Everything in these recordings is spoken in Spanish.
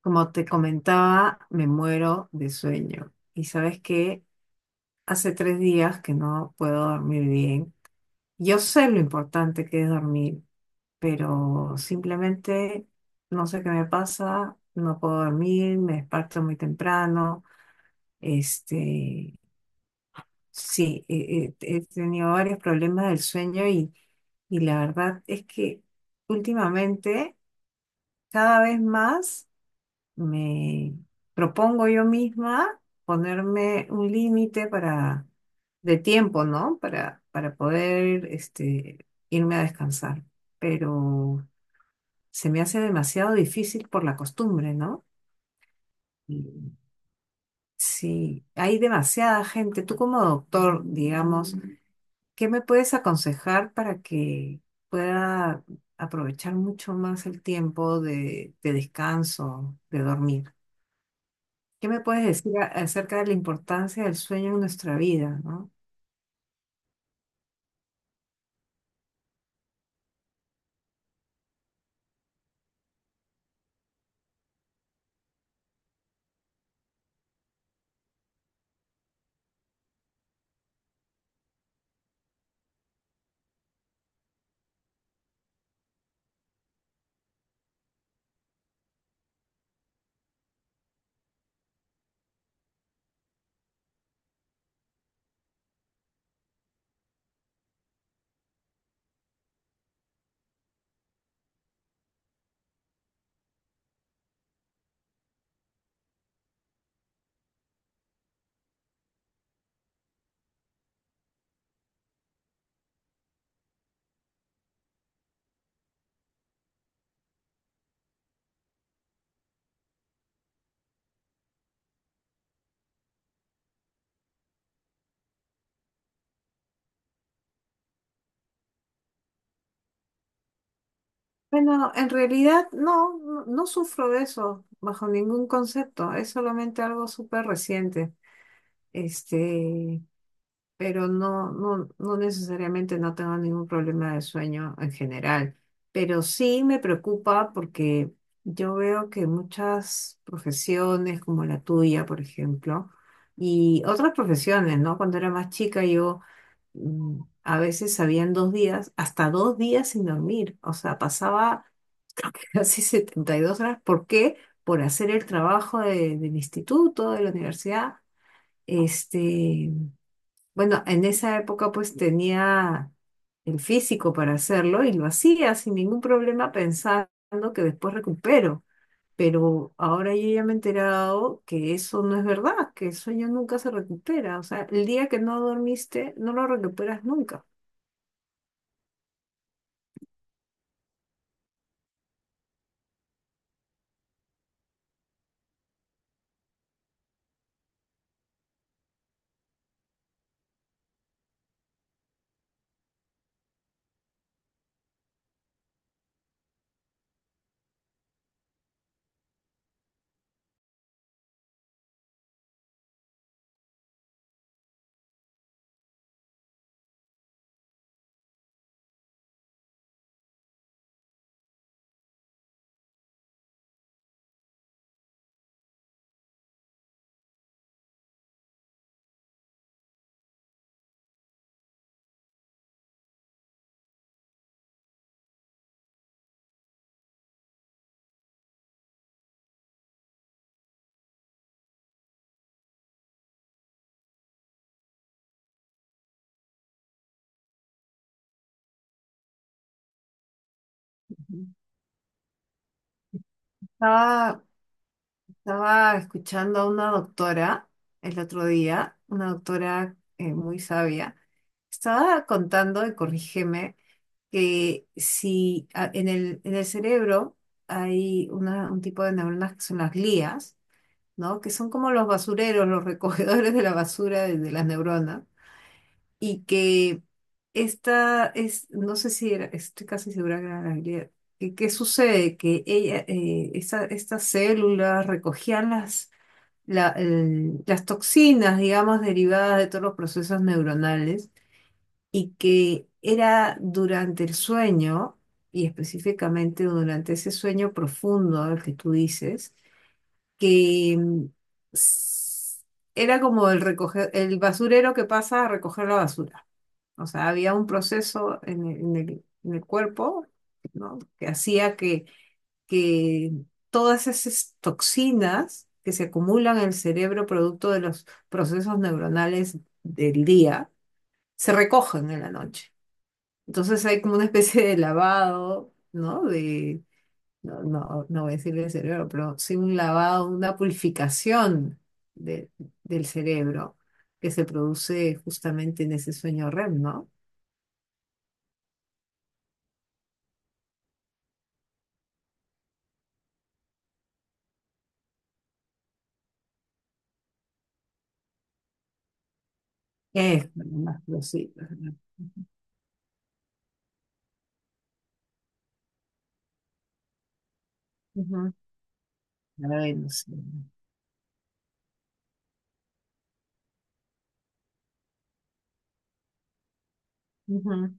Como te comentaba, me muero de sueño. Y sabes que hace 3 días que no puedo dormir bien. Yo sé lo importante que es dormir, pero simplemente no sé qué me pasa, no puedo dormir, me despierto muy temprano. Este, sí, he tenido varios problemas del sueño y la verdad es que últimamente cada vez más. Me propongo yo misma ponerme un límite para de tiempo, ¿no? Para poder irme a descansar. Pero se me hace demasiado difícil por la costumbre, ¿no? Y sí, hay demasiada gente. Tú como doctor, digamos, ¿qué me puedes aconsejar para que pueda aprovechar mucho más el tiempo de descanso, de dormir? ¿Qué me puedes decir acerca de la importancia del sueño en nuestra vida, ¿no? Bueno, en realidad no, no, no sufro de eso bajo ningún concepto, es solamente algo súper reciente, este, pero no, no, no necesariamente no tengo ningún problema de sueño en general, pero sí me preocupa porque yo veo que muchas profesiones como la tuya, por ejemplo, y otras profesiones, ¿no? Cuando era más chica yo a veces habían 2 días, hasta 2 días sin dormir. O sea, pasaba casi 72 horas. ¿Por qué? Por hacer el trabajo del instituto, de la universidad. Este, bueno, en esa época pues tenía el físico para hacerlo y lo hacía sin ningún problema pensando que después recupero. Pero ahora yo ya me he enterado que eso no es verdad, que el sueño nunca se recupera. O sea, el día que no dormiste, no lo recuperas nunca. Estaba, estaba escuchando a una doctora el otro día, una doctora muy sabia. Estaba contando, y corrígeme, que si a- en el cerebro hay un tipo de neuronas que son las glías, ¿no? Que son como los basureros, los recogedores de la basura de las neuronas y que esta es, no sé si era, estoy casi segura que era Gabriela. ¿Qué sucede? Que ella, estas células recogían las toxinas, digamos, derivadas de todos los procesos neuronales y que era durante el sueño, y específicamente durante ese sueño profundo al que tú dices, que s- era como el recoger, el basurero que pasa a recoger la basura. O sea, había un proceso en el cuerpo, ¿no? Que hacía que, todas esas toxinas que se acumulan en el cerebro producto de los procesos neuronales del día se recogen en la noche. Entonces hay como una especie de lavado, ¿no? No, no, no voy a decir del cerebro, pero sí un lavado, una purificación de- del cerebro que se produce justamente en ese sueño REM, ¿no? Es más cositas, ¿no? Ujú. Ay, no sé. Ujú.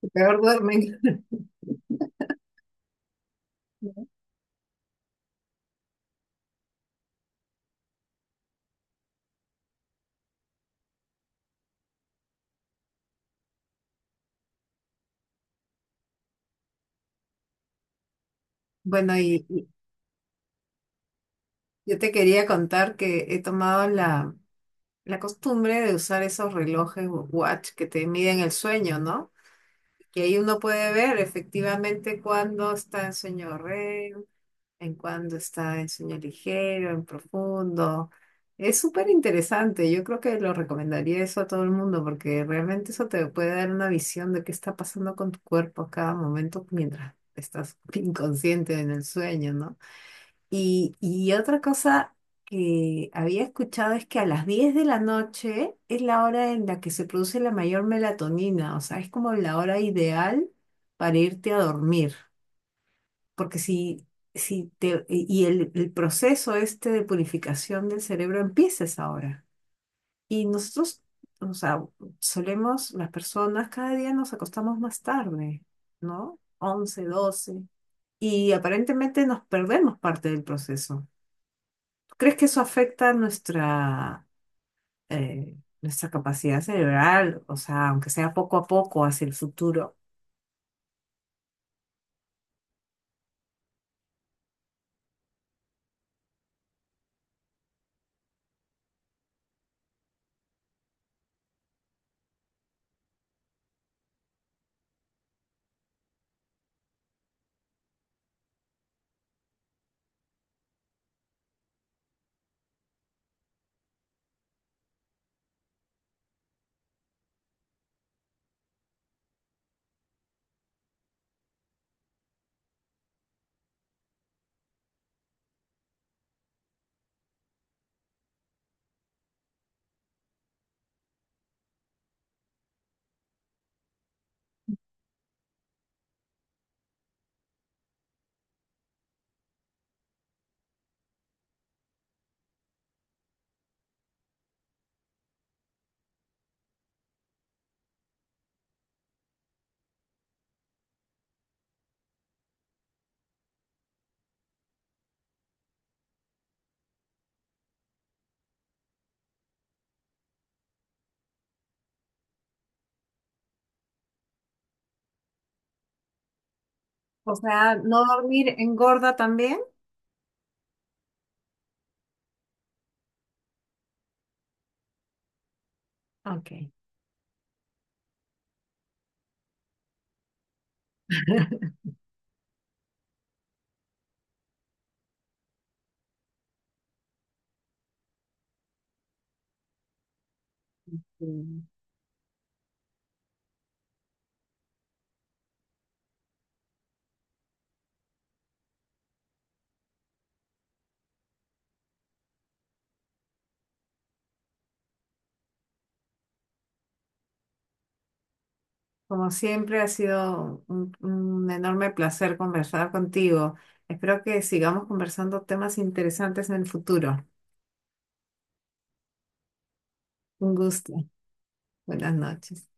Que peor duermen. Bueno, y yo te quería contar que he tomado la costumbre de usar esos relojes watch que te miden el sueño, ¿no? Que ahí uno puede ver efectivamente cuándo está en sueño REM, en cuando está en sueño ligero, en profundo. Es súper interesante, yo creo que lo recomendaría eso a todo el mundo porque realmente eso te puede dar una visión de qué está pasando con tu cuerpo a cada momento mientras estás inconsciente en el sueño, ¿no? Y otra cosa que había escuchado es que a las 10 de la noche es la hora en la que se produce la mayor melatonina, o sea, es como la hora ideal para irte a dormir. Porque si, si te, y el proceso este de purificación del cerebro empieza es ahora. Y nosotros, o sea, solemos, las personas, cada día nos acostamos más tarde, ¿no? 11, 12. Y aparentemente nos perdemos parte del proceso. ¿Tú crees que eso afecta eh, nuestra capacidad cerebral? O sea, aunque sea poco a poco hacia el futuro. O sea, ¿no dormir engorda también? Ok. Mm. Como siempre, ha sido un enorme placer conversar contigo. Espero que sigamos conversando temas interesantes en el futuro. Un gusto. Buenas noches.